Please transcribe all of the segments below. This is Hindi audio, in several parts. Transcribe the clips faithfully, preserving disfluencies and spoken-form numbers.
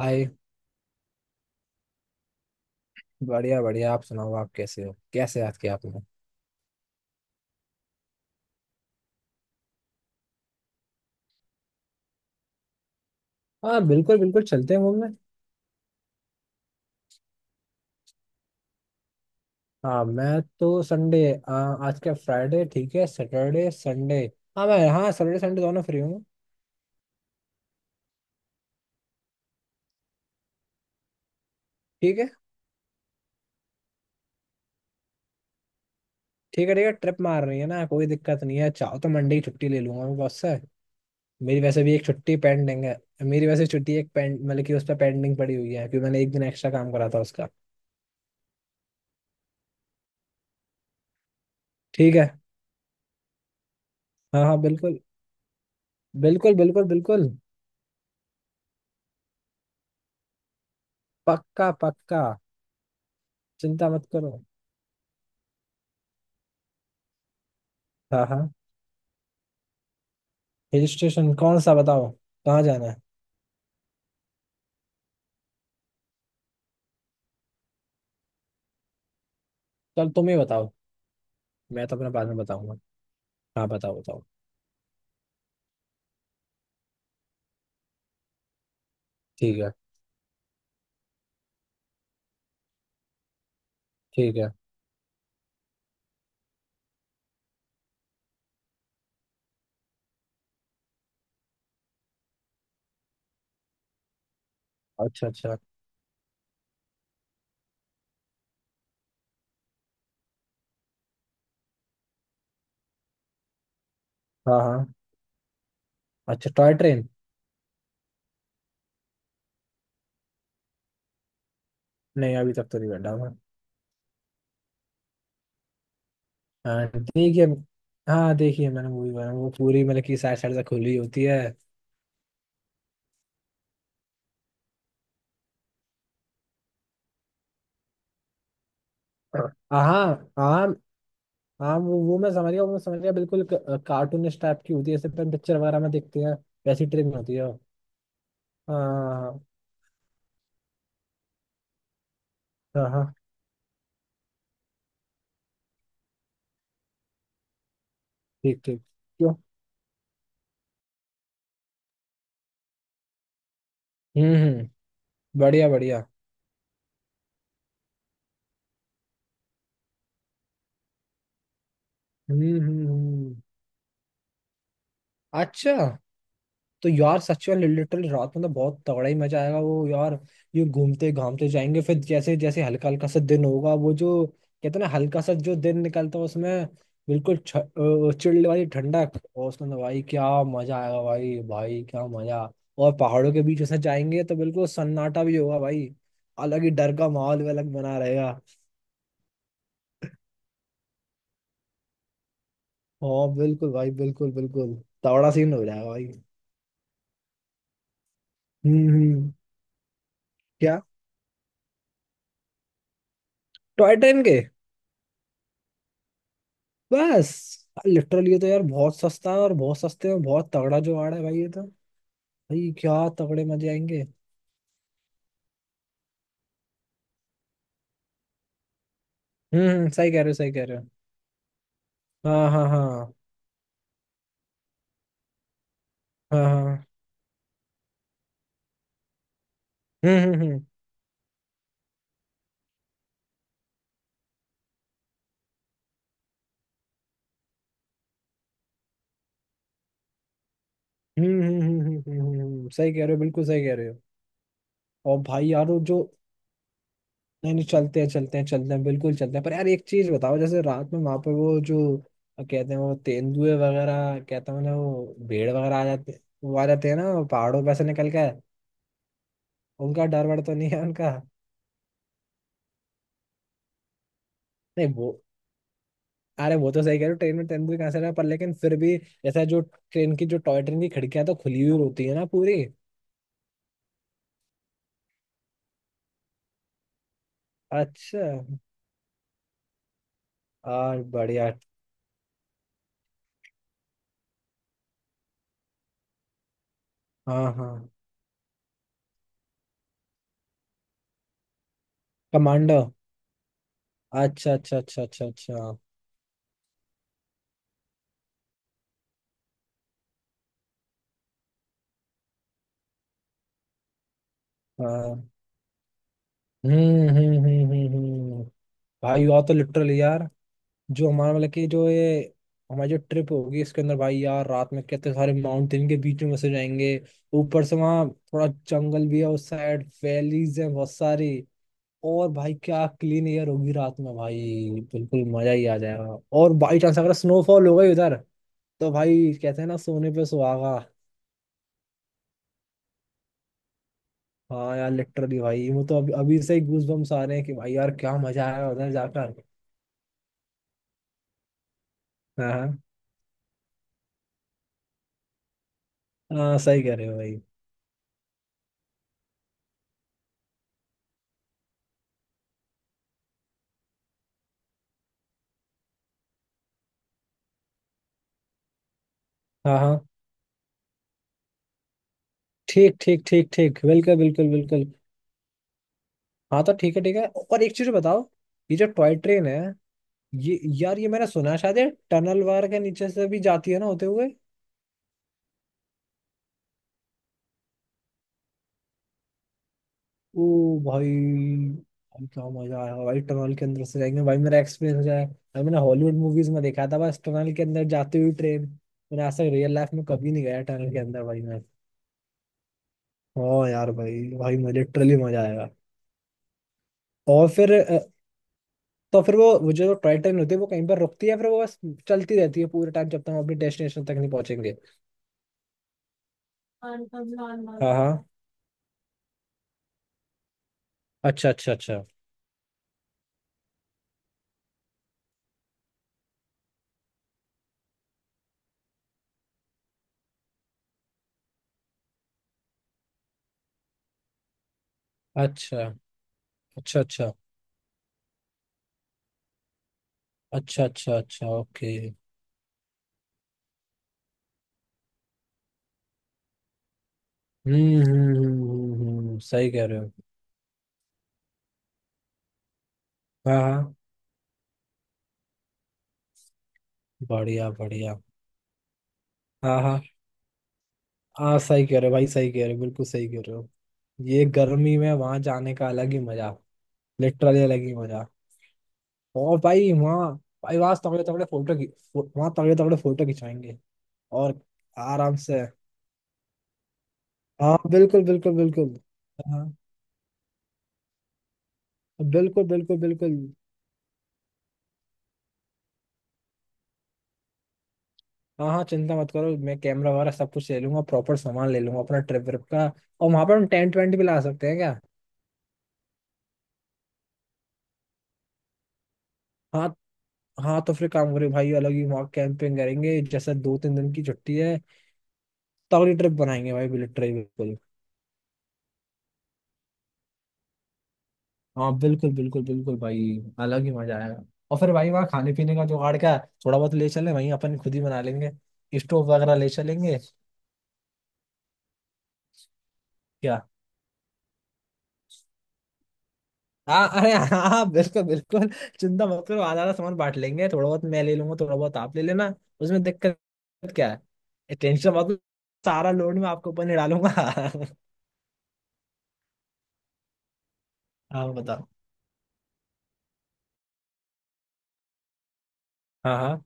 हाय। बढ़िया बढ़िया। आप सुनाओ, आप कैसे हो? कैसे याद किया आपने? हाँ, बिल्कुल बिल्कुल चलते हैं मूवी में। हाँ, मैं तो संडे आ, आज क्या फ्राइडे? ठीक है, सैटरडे संडे। हाँ मैं, हाँ, सैटरडे संडे दोनों फ्री हूँ। ठीक है। ठीक है ठीक है। ट्रिप मार रही है ना, कोई दिक्कत नहीं है। चाहो तो मंडे की छुट्टी ले लूंगा मैं बॉस से। मेरी वैसे भी एक छुट्टी पेंडिंग है। मेरी वैसे छुट्टी एक पेंड मतलब कि उस पर पेंडिंग पड़ी हुई है, क्योंकि मैंने एक दिन एक्स्ट्रा काम करा था उसका। ठीक है। हाँ हाँ, बिल्कुल। बिल्कुल बिल्कुल बिल्कुल। पक्का पक्का। चिंता मत करो। हाँ हाँ। हिल स्टेशन कौन सा बताओ? कहाँ जाना है? चल, तुम ही बताओ। मैं तो अपने बाद में बताऊंगा। हाँ, बताओ बताओ। ठीक है ठीक है। अच्छा अच्छा। हाँ हाँ। अच्छा, टॉय ट्रेन। नहीं, अभी तक तो नहीं बैठा मैं। हाँ देखिए। हाँ देखिए, मैंने मूवी बनाई, वो पूरी मतलब की साइड साइड से खुली होती है। हाँ हाँ। हाँ वो वो मैं समझ गया, वो मैं समझ गया, बिल्कुल क- कार्टूनिस्ट टाइप की होती है जैसे अपन पिक्चर वगैरह में देखते हैं। वैसी ट्रेन होती है वो। हाँ हाँ। हाँ, हाँ। ठीक ठीक। क्यों? हम्म हम्म। बढ़िया बढ़िया। हम्म हम्म हम्म, अच्छा। तो यार सच में लिटरली रात में तो बहुत तगड़ा ही मजा आएगा वो यार। ये घूमते घामते जाएंगे, फिर जैसे जैसे हल्का हल्का सा दिन होगा, वो जो कहते हैं ना, हल्का सा जो दिन निकलता है उसमें। बिल्कुल छ- अ, चिल्ड वाली ठंडक और उसमें तो भाई क्या मजा आएगा भाई भाई क्या मजा। और पहाड़ों के बीच से जाएंगे तो बिल्कुल सन्नाटा भी होगा भाई। अलग ही डर का माहौल भी अलग बना रहेगा। हाँ बिल्कुल भाई बिल्कुल बिल्कुल। तगड़ा सीन हो जाएगा भाई। हम्म हम्म। क्या? टॉय ट्रेन के? बस? लिटरली ये तो यार बहुत सस्ता है, और बहुत सस्ते में बहुत तगड़ा जुगाड़ है भाई ये तो। भाई क्या तगड़े मजे आएंगे। हम्म हम्म, सही कह रहे हो सही कह रहे हो। हाँ हाँ हाँ। हाँ हाँ। हम्म हम्म हम्म हम्म हम्म हम्म हम्म, हम्म, हम्म, हम्म, हम्म, सही कह रहे हो बिल्कुल सही कह रहे हो। और भाई यार वो जो। नहीं नहीं चलते हैं चलते हैं चलते हैं, बिल्कुल चलते हैं, पर यार एक चीज बताओ जैसे रात में वहां पर वो जो कहते हैं वो तेंदुए वगैरह, कहते हैं ना वो भेड़ वगैरह आ जाते। वो आ जाते हैं ना पहाड़ों पे से निकल कर। उनका डर वर तो नहीं है उनका? नहीं वो। अरे वो तो सही कह रहे हो, ट्रेन में तेंदुए कहाँ से रहा, पर लेकिन फिर भी ऐसा जो ट्रेन की जो टॉय ट्रेन की खिड़कियां तो खुली हुई होती है ना पूरी। अच्छा। और बढ़िया। हाँ हाँ। कमांडो? अच्छा अच्छा अच्छा अच्छा अच्छा। हाँ। हम्म हम्म हम्म हम्म हम्म। भाई यार, तो लिटरल यार, जो हमारा मतलब कि जो ये हमारी जो ट्रिप होगी इसके अंदर भाई यार, रात में कितने सारे माउंटेन के बीच में फंसे जाएंगे। ऊपर से वहाँ थोड़ा जंगल भी है उस साइड, वैलीज है बहुत सारी। और भाई क्या क्लीन एयर होगी रात में भाई। बिल्कुल मजा ही आ जाएगा, और बाई चांस अगर स्नोफॉल हो गई उधर, तो भाई कहते हैं ना, सोने पे सुहागा। हाँ यार लिटरली भाई वो तो अभी अभी से ही गूज बम्स आ रहे हैं कि भाई यार क्या मजा आया उधर जाकर। हाँ हाँ। हाँ, सही कह रहे हो भाई। हाँ हाँ। ठीक ठीक ठीक ठीक बिल्कुल बिल्कुल बिल्कुल। हाँ तो ठीक है ठीक है, और एक चीज बताओ। ये जो टॉय ट्रेन है, ये यार ये मैंने सुना है शायद, ये टनल वार के नीचे से भी जाती है ना होते हुए। ओ भाई! भाई क्या मजा आया भाई, टनल के अंदर से जाएंगे भाई, मेरा एक्सपीरियंस हो जाए भाई। मैंने हॉलीवुड मूवीज में देखा था बस, टनल के अंदर जाती हुई ट्रेन। मैंने आज तक रियल लाइफ में कभी नहीं गया टनल के अंदर भाई मैं। हाँ यार भाई भाई मैं लिटरली मजा आएगा। और फिर अ, तो फिर वो वो जो टॉय ट्रेन होती है वो कहीं पर रुकती है, फिर वो बस चलती रहती है पूरे टाइम जब तक हम अपने डेस्टिनेशन तक नहीं पहुंचेंगे? हाँ। हाँ। अच्छा अच्छा अच्छा। अच्छा अच्छा अच्छा, अच्छा अच्छा अच्छा ओके। हम्म हम्म हम्म हम्म हम्म, सही कह रहे हो। हाँ हाँ। बढ़िया बढ़िया। हाँ हाँ। हाँ सही कह रहे हो भाई सही कह रहे हो बिल्कुल सही कह रहे हो। ये गर्मी में वहां जाने का अलग ही मजा, लिटरली अलग ही मजा। और भाई वहाँ, भाई वहाँ तगड़े तगड़े फोटो खी फो, वहाँ तगड़े तगड़े फोटो खिंचाएंगे। और आराम से। हाँ बिल्कुल बिल्कुल बिल्कुल। हाँ। बिल्कुल बिल्कुल बिल्कुल। हाँ हाँ, चिंता मत करो, मैं कैमरा वगैरह सब कुछ ले लूंगा, प्रॉपर सामान ले लूंगा अपना ट्रिप ट्रिप का। और वहां पर हम टेंट वेंट भी ला सकते हैं क्या? हाँ। हाँ तो फिर काम करें भाई, अलग ही वहाँ कैंपिंग करेंगे, जैसे दो तीन दिन की छुट्टी है। तगड़ी ट्रिप बनाएंगे भाई बिल्कुल ट्रिप बिल्कुल। हाँ बिल्कुल बिल्कुल बिल्कुल भाई। अलग ही मजा आएगा। और फिर भाई वहाँ खाने पीने का जुगाड़ क्या है? थोड़ा बहुत ले चले वहीं अपन खुद ही बना लेंगे, स्टोव वगैरह ले चलेंगे। क्या? हाँ अरे हाँ हाँ, बिल्कुल बिल्कुल। चिंता मत करो, आधा आधा सामान बांट लेंगे, थोड़ा बहुत मैं ले लूंगा, थोड़ा बहुत आप ले लेना। उसमें दिक्कत क्या है? टेंशन मत लो, सारा लोड मैं आपके ऊपर नहीं डालूंगा। हाँ बताओ। हाँ हाँ।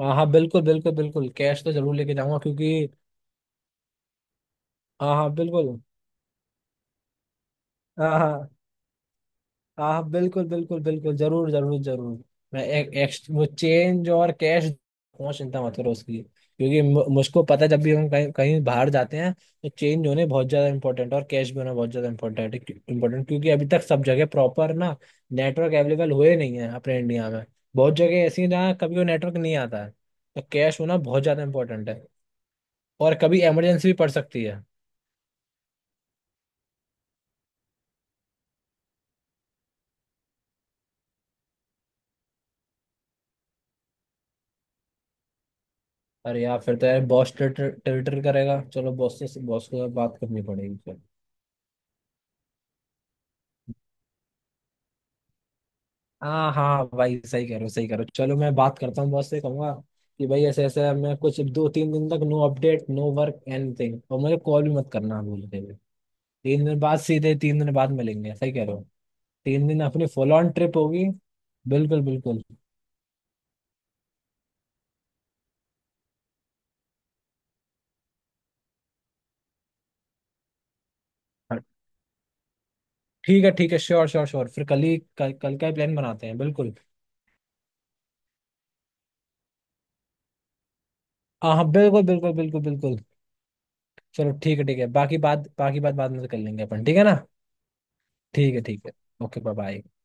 हाँ हाँ बिल्कुल बिल्कुल बिल्कुल, कैश तो जरूर लेके जाऊंगा क्योंकि। हाँ हाँ बिल्कुल। हाँ हाँ हाँ हाँ, बिल्कुल बिल्कुल बिल्कुल जरूर जरूर जरूर। मैं एक, एक वो चेंज और कैश पहुंच, चिंता मत करो उसकी, क्योंकि मु- मुझको पता है जब भी हम कहीं कहीं बाहर जाते हैं तो चेंज होने बहुत ज्यादा इंपॉर्टेंट और कैश भी होना बहुत ज्यादा इंपॉर्टेंट इंपॉर्टेंट, क्योंकि अभी तक सब जगह प्रॉपर ना नेटवर्क अवेलेबल हुए नहीं है अपने इंडिया में। बहुत जगह ऐसी है जहाँ कभी वो नेटवर्क नहीं आता है, तो कैश होना बहुत ज्यादा इंपॉर्टेंट है, और कभी इमरजेंसी भी पड़ सकती है। अरे यार फिर तो यार बॉस टिल्टर करेगा, चलो बॉस से बॉस के साथ बात करनी पड़ेगी फिर। हाँ हाँ भाई सही करो सही करो, चलो मैं बात करता हूँ बॉस से, कहूंगा कि भाई ऐसे ऐसे मैं कुछ दो तीन दिन तक no update no work anything, और मुझे कॉल भी मत करना, बोलते हुए। तीन दिन बाद सीधे तीन दिन बाद मिलेंगे, सही कह रहे हो। तीन दिन अपनी फुल ऑन ट्रिप होगी, बिल्कुल बिल्कुल। हाँ, ठीक है ठीक है श्योर श्योर श्योर, फिर कल ही कल, कल का ही प्लान बनाते हैं बिल्कुल। हाँ हाँ बिल्कुल बिल्कुल बिल्कुल बिल्कुल। चलो ठीक है ठीक है, बाकी बात बाकी बात बाद में कर लेंगे अपन, ठीक है ना? ठीक है ठीक है। Okay, bye bye.